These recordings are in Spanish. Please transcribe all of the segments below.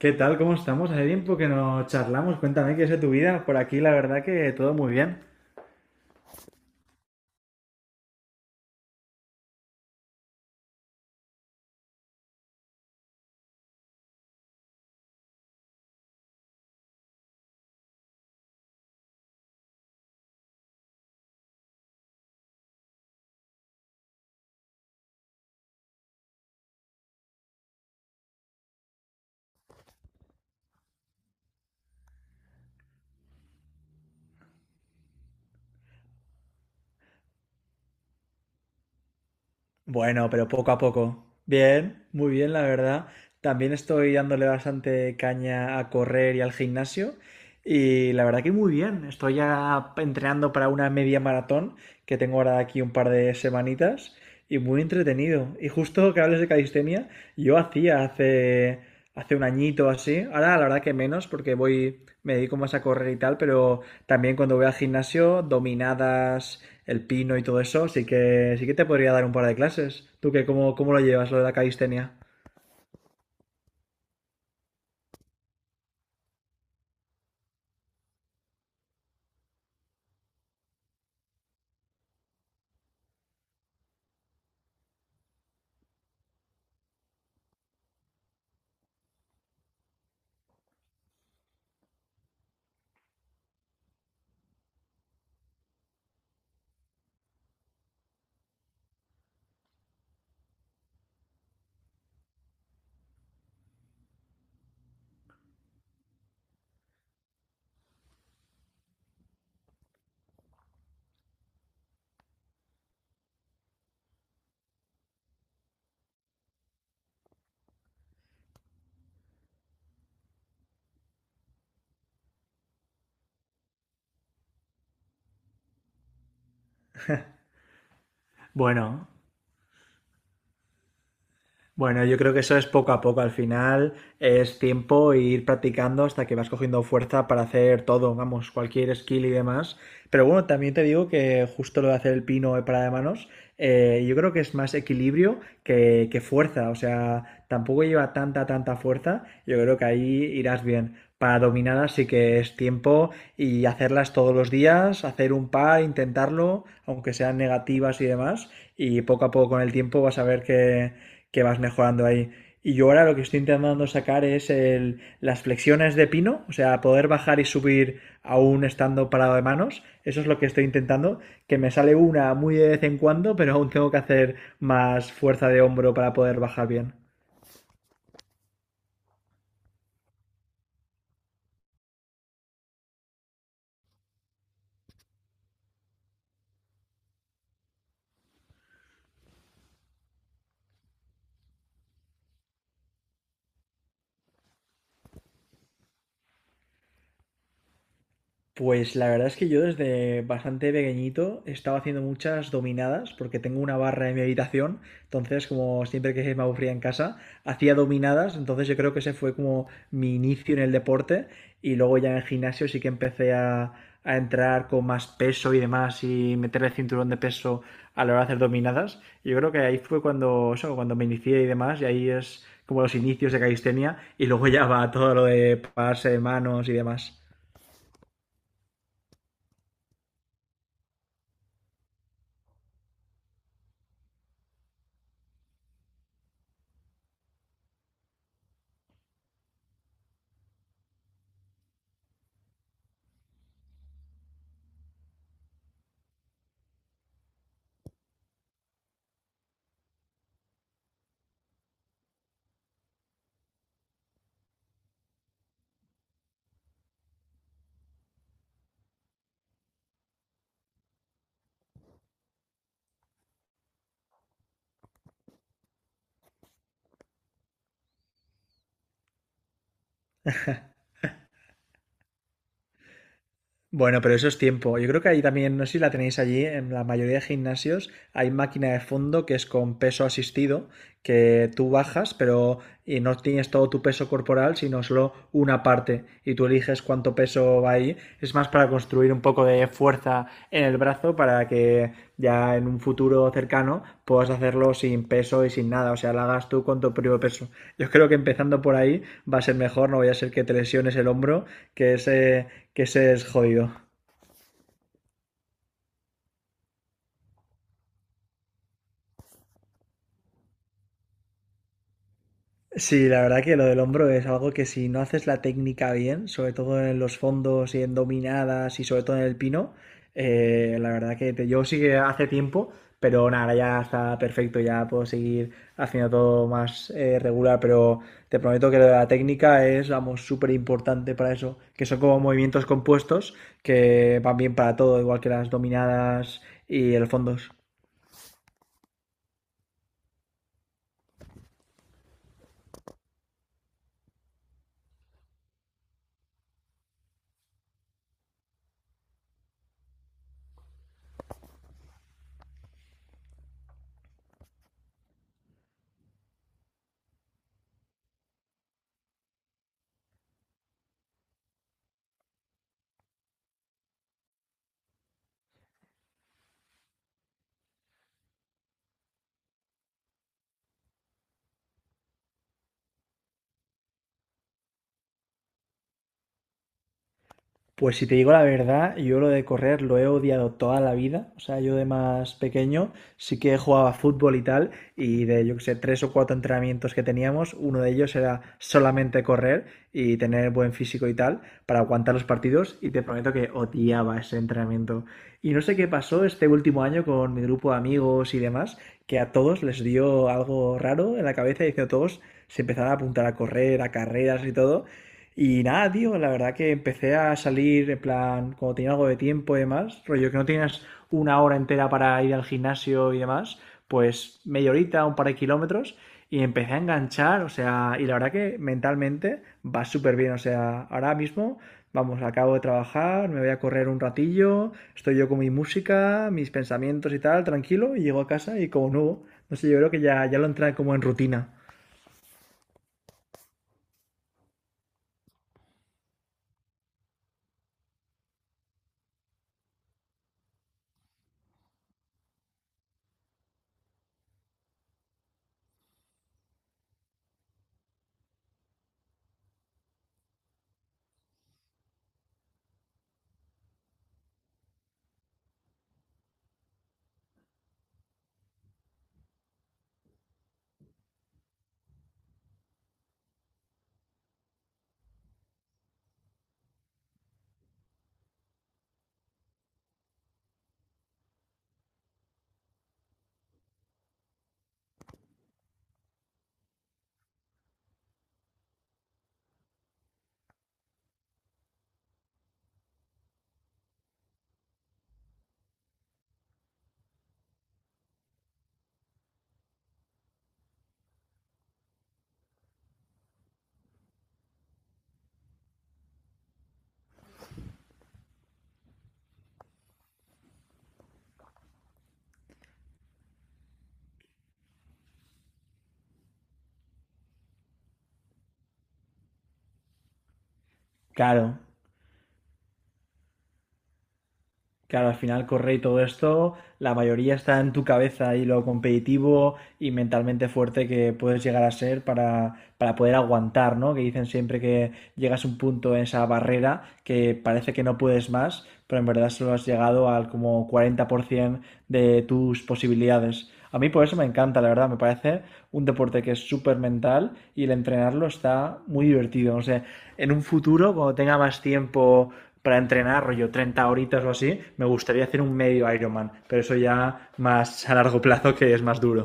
¿Qué tal? ¿Cómo estamos? Hace tiempo que no charlamos. Cuéntame qué es de tu vida. Por aquí, la verdad que todo muy bien. Bueno, pero poco a poco. Bien, muy bien, la verdad. También estoy dándole bastante caña a correr y al gimnasio. Y la verdad que muy bien. Estoy ya entrenando para una media maratón que tengo ahora de aquí un par de semanitas. Y muy entretenido. Y justo que hables de calistenia, yo hacía hace un añito o así. Ahora la verdad que menos porque voy, me dedico más a correr y tal, pero también cuando voy al gimnasio, dominadas, el pino y todo eso, sí que te podría dar un par de clases. ¿Tú qué, cómo, cómo lo llevas, lo de la calistenia? Bueno, bueno, yo creo que eso es poco a poco. Al final es tiempo e ir practicando hasta que vas cogiendo fuerza para hacer todo, vamos, cualquier skill y demás. Pero bueno, también te digo que justo lo de hacer el pino de parada de manos yo creo que es más equilibrio que fuerza, o sea, tampoco lleva tanta fuerza, yo creo que ahí irás bien. Para dominadas sí que es tiempo y hacerlas todos los días, hacer un par, intentarlo, aunque sean negativas y demás, y poco a poco con el tiempo vas a ver que vas mejorando ahí. Y yo ahora lo que estoy intentando sacar es las flexiones de pino, o sea, poder bajar y subir aún estando parado de manos. Eso es lo que estoy intentando, que me sale una muy de vez en cuando, pero aún tengo que hacer más fuerza de hombro para poder bajar bien. Pues la verdad es que yo desde bastante pequeñito estaba haciendo muchas dominadas porque tengo una barra en mi habitación, entonces como siempre que me aburría en casa, hacía dominadas, entonces yo creo que ese fue como mi inicio en el deporte y luego ya en el gimnasio sí que a entrar con más peso y demás y meter el cinturón de peso a la hora de hacer dominadas. Yo creo que ahí fue cuando, eso, cuando me inicié y demás y ahí es como los inicios de calistenia y luego ya va todo lo de pararse de manos y demás. Bueno, pero eso es tiempo. Yo creo que ahí también, no sé si la tenéis allí, en la mayoría de gimnasios hay máquina de fondo que es con peso asistido, que tú bajas, pero y no tienes todo tu peso corporal, sino solo una parte, y tú eliges cuánto peso va ahí. Es más para construir un poco de fuerza en el brazo para que ya en un futuro cercano puedas hacerlo sin peso y sin nada, o sea, lo hagas tú con tu propio peso. Yo creo que empezando por ahí va a ser mejor, no vaya a ser que te lesiones el hombro, que es que ese es jodido. Sí, la verdad que lo del hombro es algo que si no haces la técnica bien, sobre todo en los fondos y en dominadas y sobre todo en el pino, la verdad que yo sí que hace tiempo, pero nada, ahora ya está perfecto, ya puedo seguir haciendo todo más regular, pero te prometo que lo de la técnica es, vamos, súper importante para eso, que son como movimientos compuestos que van bien para todo, igual que las dominadas y el fondos. Pues si te digo la verdad, yo lo de correr lo he odiado toda la vida. O sea, yo de más pequeño sí que jugaba fútbol y tal, y de, yo qué sé, tres o cuatro entrenamientos que teníamos, uno de ellos era solamente correr y tener buen físico y tal para aguantar los partidos, y te prometo que odiaba ese entrenamiento. Y no sé qué pasó este último año con mi grupo de amigos y demás, que a todos les dio algo raro en la cabeza y diciendo todos se empezaron a apuntar a correr, a carreras y todo, y nada, tío, la verdad que empecé a salir, en plan, como tenía algo de tiempo y demás, rollo que no tienes una hora entera para ir al gimnasio y demás, pues media horita, un par de kilómetros, y empecé a enganchar, o sea, y la verdad que mentalmente va súper bien, o sea, ahora mismo, vamos, acabo de trabajar, me voy a correr un ratillo, estoy yo con mi música, mis pensamientos y tal, tranquilo, y llego a casa y como nuevo, no sé, yo creo que ya lo entré como en rutina. Claro, Claro, al final correr y todo esto, la mayoría está en tu cabeza y lo competitivo y mentalmente fuerte que puedes llegar a ser para poder aguantar, ¿no? Que dicen siempre que llegas a un punto en esa barrera que parece que no puedes más, pero en verdad solo has llegado al como 40% de tus posibilidades. A mí por eso me encanta, la verdad, me parece un deporte que es súper mental y el entrenarlo está muy divertido. O sea, en un futuro, cuando tenga más tiempo para entrenar, rollo 30 horitas o así, me gustaría hacer un medio Ironman, pero eso ya más a largo plazo que es más duro.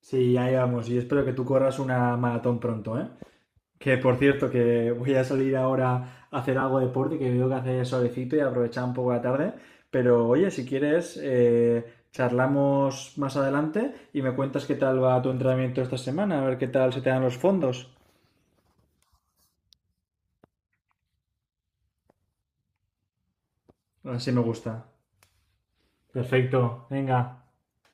Sí, ahí vamos. Y espero que tú corras una maratón pronto, ¿eh? Que por cierto, que voy a salir ahora a hacer algo de deporte, que veo que hace solecito y aprovechar un poco la tarde. Pero oye, si quieres, charlamos más adelante y me cuentas qué tal va tu entrenamiento esta semana, a ver qué tal se te dan los fondos. Así me gusta. Perfecto, venga.